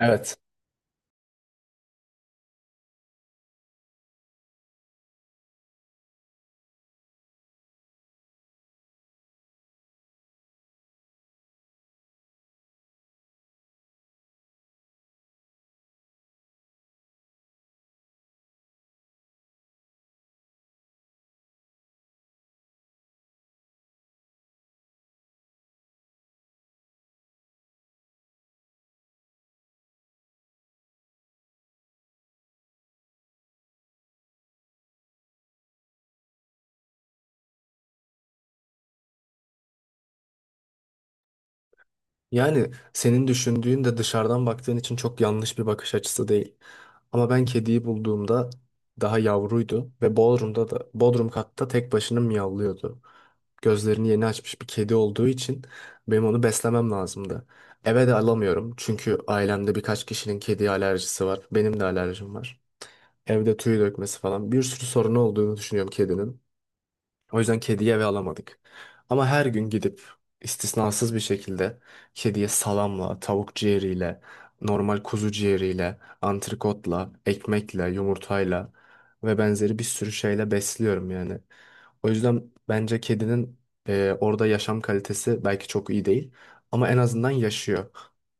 Evet. Yani senin düşündüğün de dışarıdan baktığın için çok yanlış bir bakış açısı değil. Ama ben kediyi bulduğumda daha yavruydu ve Bodrum'da da Bodrum katta tek başına miyavlıyordu. Gözlerini yeni açmış bir kedi olduğu için benim onu beslemem lazımdı. Eve de alamıyorum çünkü ailemde birkaç kişinin kedi alerjisi var. Benim de alerjim var. Evde tüy dökmesi falan bir sürü sorunu olduğunu düşünüyorum kedinin. O yüzden kediye eve alamadık. Ama her gün gidip istisnasız bir şekilde kediye salamla, tavuk ciğeriyle, normal kuzu ciğeriyle, antrikotla, ekmekle, yumurtayla ve benzeri bir sürü şeyle besliyorum yani. O yüzden bence kedinin orada yaşam kalitesi belki çok iyi değil ama en azından yaşıyor.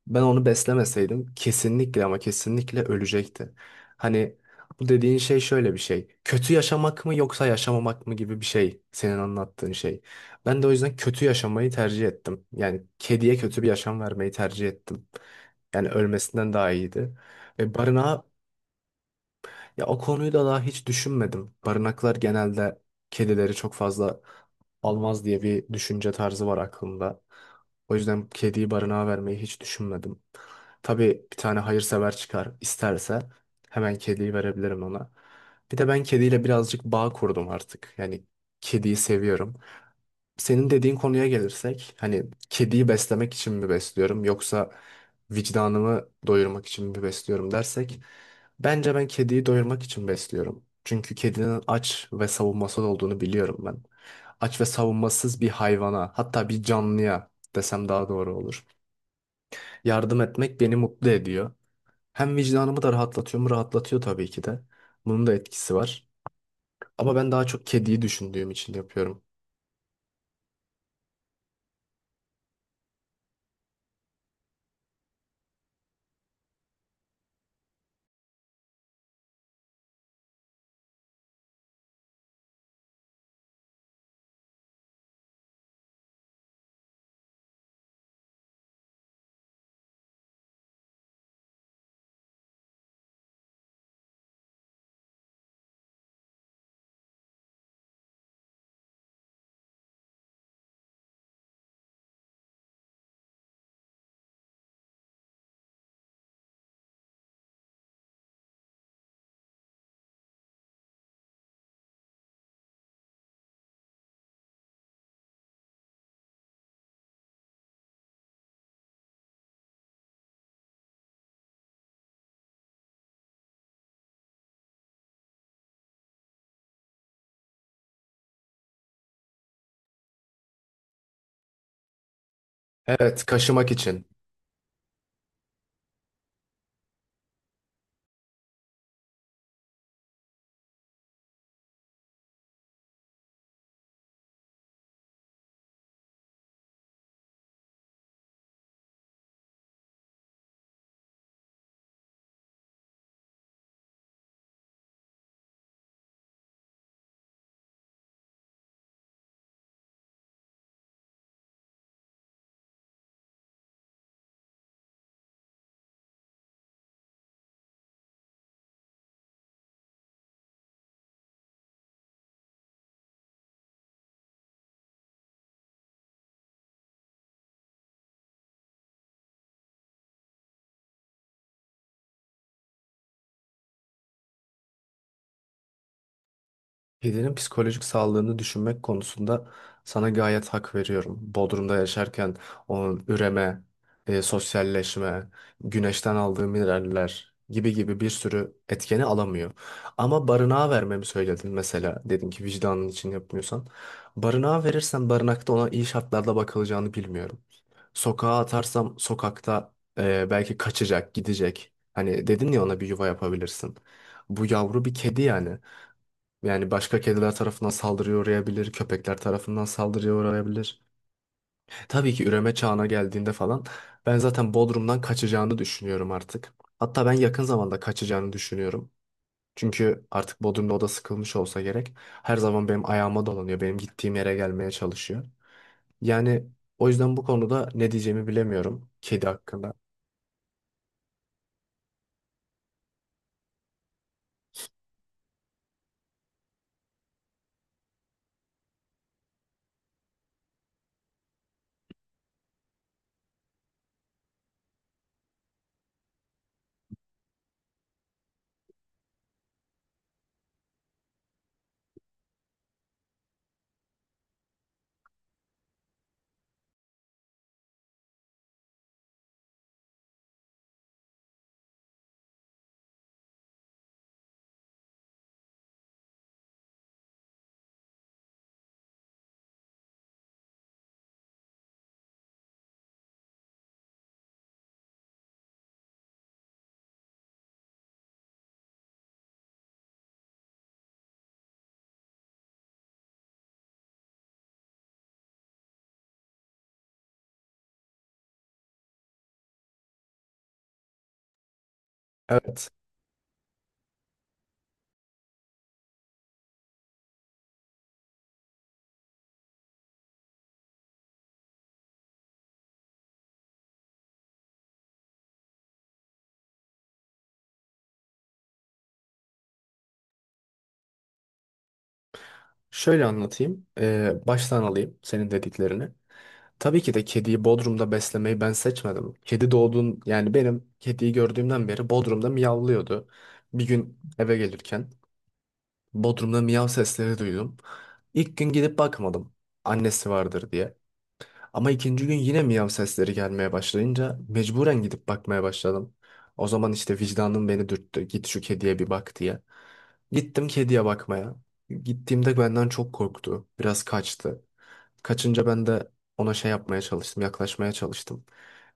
Ben onu beslemeseydim kesinlikle ama kesinlikle ölecekti. Hani bu dediğin şey şöyle bir şey. Kötü yaşamak mı yoksa yaşamamak mı gibi bir şey senin anlattığın şey. Ben de o yüzden kötü yaşamayı tercih ettim. Yani kediye kötü bir yaşam vermeyi tercih ettim. Yani ölmesinden daha iyiydi. Ve barınağa ya o konuyu da daha hiç düşünmedim. Barınaklar genelde kedileri çok fazla almaz diye bir düşünce tarzı var aklımda. O yüzden kediyi barınağa vermeyi hiç düşünmedim. Tabii bir tane hayırsever çıkar isterse hemen kediyi verebilirim ona. Bir de ben kediyle birazcık bağ kurdum artık. Yani kediyi seviyorum. Senin dediğin konuya gelirsek, hani kediyi beslemek için mi besliyorum yoksa vicdanımı doyurmak için mi besliyorum dersek, bence ben kediyi doyurmak için besliyorum. Çünkü kedinin aç ve savunmasız olduğunu biliyorum ben. Aç ve savunmasız bir hayvana, hatta bir canlıya desem daha doğru olur. Yardım etmek beni mutlu ediyor. Hem vicdanımı da rahatlatıyor mu? Rahatlatıyor tabii ki de. Bunun da etkisi var. Ama ben daha çok kediyi düşündüğüm için yapıyorum. Evet, kaşımak için. Kedinin psikolojik sağlığını düşünmek konusunda sana gayet hak veriyorum. Bodrum'da yaşarken onun üreme, sosyalleşme, güneşten aldığı mineraller gibi gibi bir sürü etkeni alamıyor. Ama barınağa vermemi söyledin mesela. Dedin ki vicdanın için yapmıyorsan. Barınağa verirsen barınakta ona iyi şartlarda bakılacağını bilmiyorum. Sokağa atarsam sokakta belki kaçacak, gidecek. Hani dedin ya ona bir yuva yapabilirsin. Bu yavru bir kedi yani. Yani başka kediler tarafından saldırıya uğrayabilir, köpekler tarafından saldırıya uğrayabilir. Tabii ki üreme çağına geldiğinde falan ben zaten Bodrum'dan kaçacağını düşünüyorum artık. Hatta ben yakın zamanda kaçacağını düşünüyorum. Çünkü artık Bodrum'da o da sıkılmış olsa gerek. Her zaman benim ayağıma dolanıyor, benim gittiğim yere gelmeye çalışıyor. Yani o yüzden bu konuda ne diyeceğimi bilemiyorum kedi hakkında. Evet, şöyle anlatayım. Baştan alayım senin dediklerini. Tabii ki de kediyi Bodrum'da beslemeyi ben seçmedim. Kedi doğduğun yani benim kediyi gördüğümden beri Bodrum'da miyavlıyordu. Bir gün eve gelirken Bodrum'da miyav sesleri duydum. İlk gün gidip bakmadım annesi vardır diye. Ama ikinci gün yine miyav sesleri gelmeye başlayınca mecburen gidip bakmaya başladım. O zaman işte vicdanım beni dürttü. Git şu kediye bir bak diye. Gittim kediye bakmaya. Gittiğimde benden çok korktu. Biraz kaçtı. Kaçınca ben de ona şey yapmaya çalıştım, yaklaşmaya çalıştım.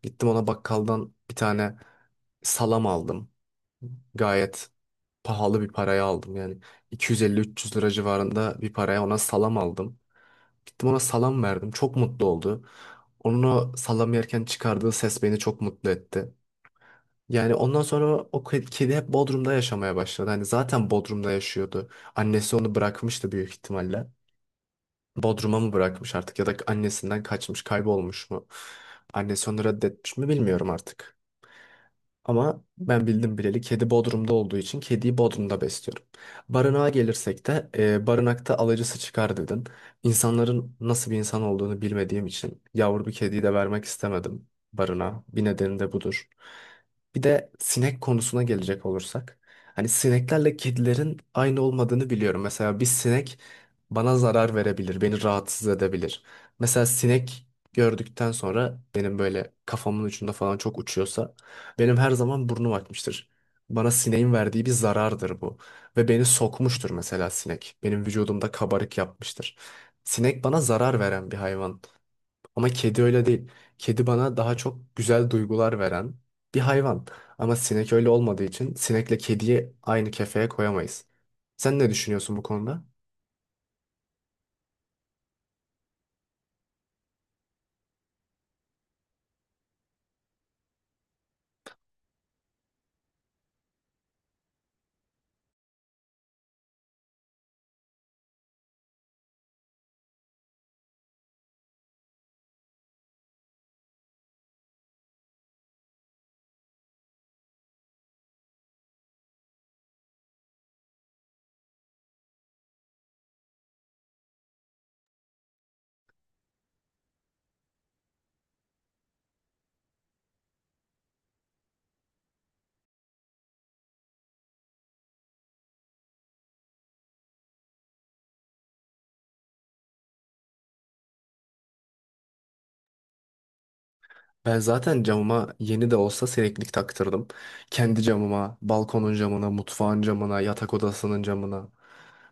Gittim ona bakkaldan bir tane salam aldım. Gayet pahalı bir paraya aldım. Yani 250-300 lira civarında bir paraya ona salam aldım. Gittim ona salam verdim. Çok mutlu oldu. Onun o salam yerken çıkardığı ses beni çok mutlu etti. Yani ondan sonra kedi hep Bodrum'da yaşamaya başladı. Hani zaten Bodrum'da yaşıyordu. Annesi onu bırakmıştı büyük ihtimalle. Bodrum'a mı bırakmış artık ya da annesinden kaçmış, kaybolmuş mu? Annesi onu reddetmiş mi bilmiyorum artık. Ama ben bildim bileli kedi Bodrum'da olduğu için kediyi Bodrum'da besliyorum. Barınağa gelirsek de barınakta alıcısı çıkar dedin. İnsanların nasıl bir insan olduğunu bilmediğim için yavru bir kediyi de vermek istemedim barınağa. Bir nedeni de budur. Bir de sinek konusuna gelecek olursak. Hani sineklerle kedilerin aynı olmadığını biliyorum. Mesela bir sinek bana zarar verebilir, beni rahatsız edebilir. Mesela sinek gördükten sonra benim böyle kafamın ucunda falan çok uçuyorsa benim her zaman burnum akmıştır. Bana sineğin verdiği bir zarardır bu. Ve beni sokmuştur mesela sinek. Benim vücudumda kabarık yapmıştır. Sinek bana zarar veren bir hayvan. Ama kedi öyle değil. Kedi bana daha çok güzel duygular veren bir hayvan. Ama sinek öyle olmadığı için sinekle kediyi aynı kefeye koyamayız. Sen ne düşünüyorsun bu konuda? Ben zaten camıma yeni de olsa sineklik taktırdım. Kendi camıma, balkonun camına, mutfağın camına, yatak odasının camına.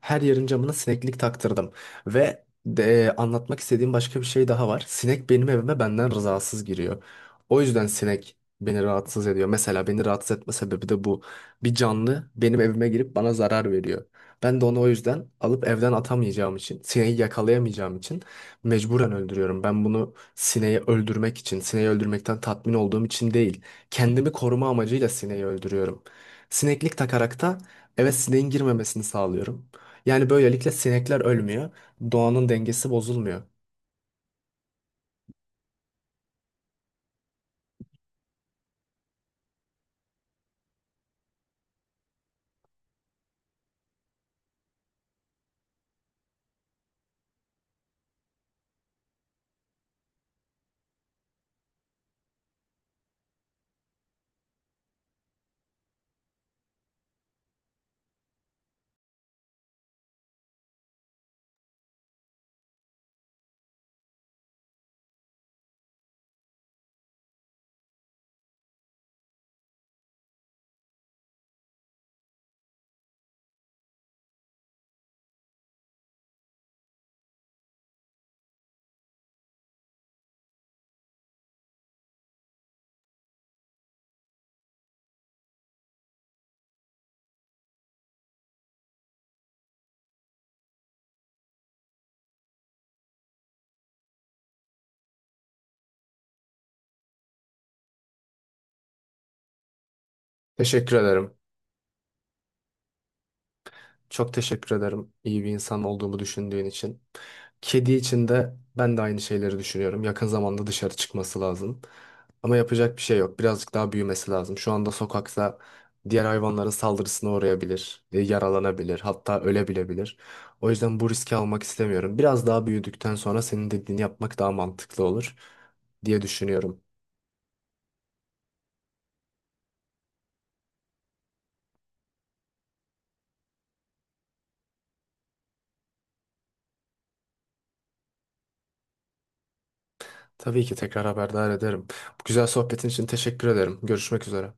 Her yerin camına sineklik taktırdım. Ve de, anlatmak istediğim başka bir şey daha var. Sinek benim evime benden rızasız giriyor. O yüzden sinek beni rahatsız ediyor. Mesela beni rahatsız etme sebebi de bu. Bir canlı benim evime girip bana zarar veriyor. Ben de onu o yüzden alıp evden atamayacağım için, sineği yakalayamayacağım için mecburen öldürüyorum. Ben bunu sineği öldürmek için, sineği öldürmekten tatmin olduğum için değil. Kendimi koruma amacıyla sineği öldürüyorum. Sineklik takarak da eve sineğin girmemesini sağlıyorum. Yani böylelikle sinekler ölmüyor, doğanın dengesi bozulmuyor. Teşekkür ederim. Çok teşekkür ederim iyi bir insan olduğumu düşündüğün için. Kedi için de ben de aynı şeyleri düşünüyorum. Yakın zamanda dışarı çıkması lazım. Ama yapacak bir şey yok. Birazcık daha büyümesi lazım. Şu anda sokakta diğer hayvanların saldırısına uğrayabilir, yaralanabilir, hatta ölebilebilir. O yüzden bu riski almak istemiyorum. Biraz daha büyüdükten sonra senin dediğini yapmak daha mantıklı olur diye düşünüyorum. Tabii ki tekrar haberdar ederim. Bu güzel sohbetin için teşekkür ederim. Görüşmek üzere.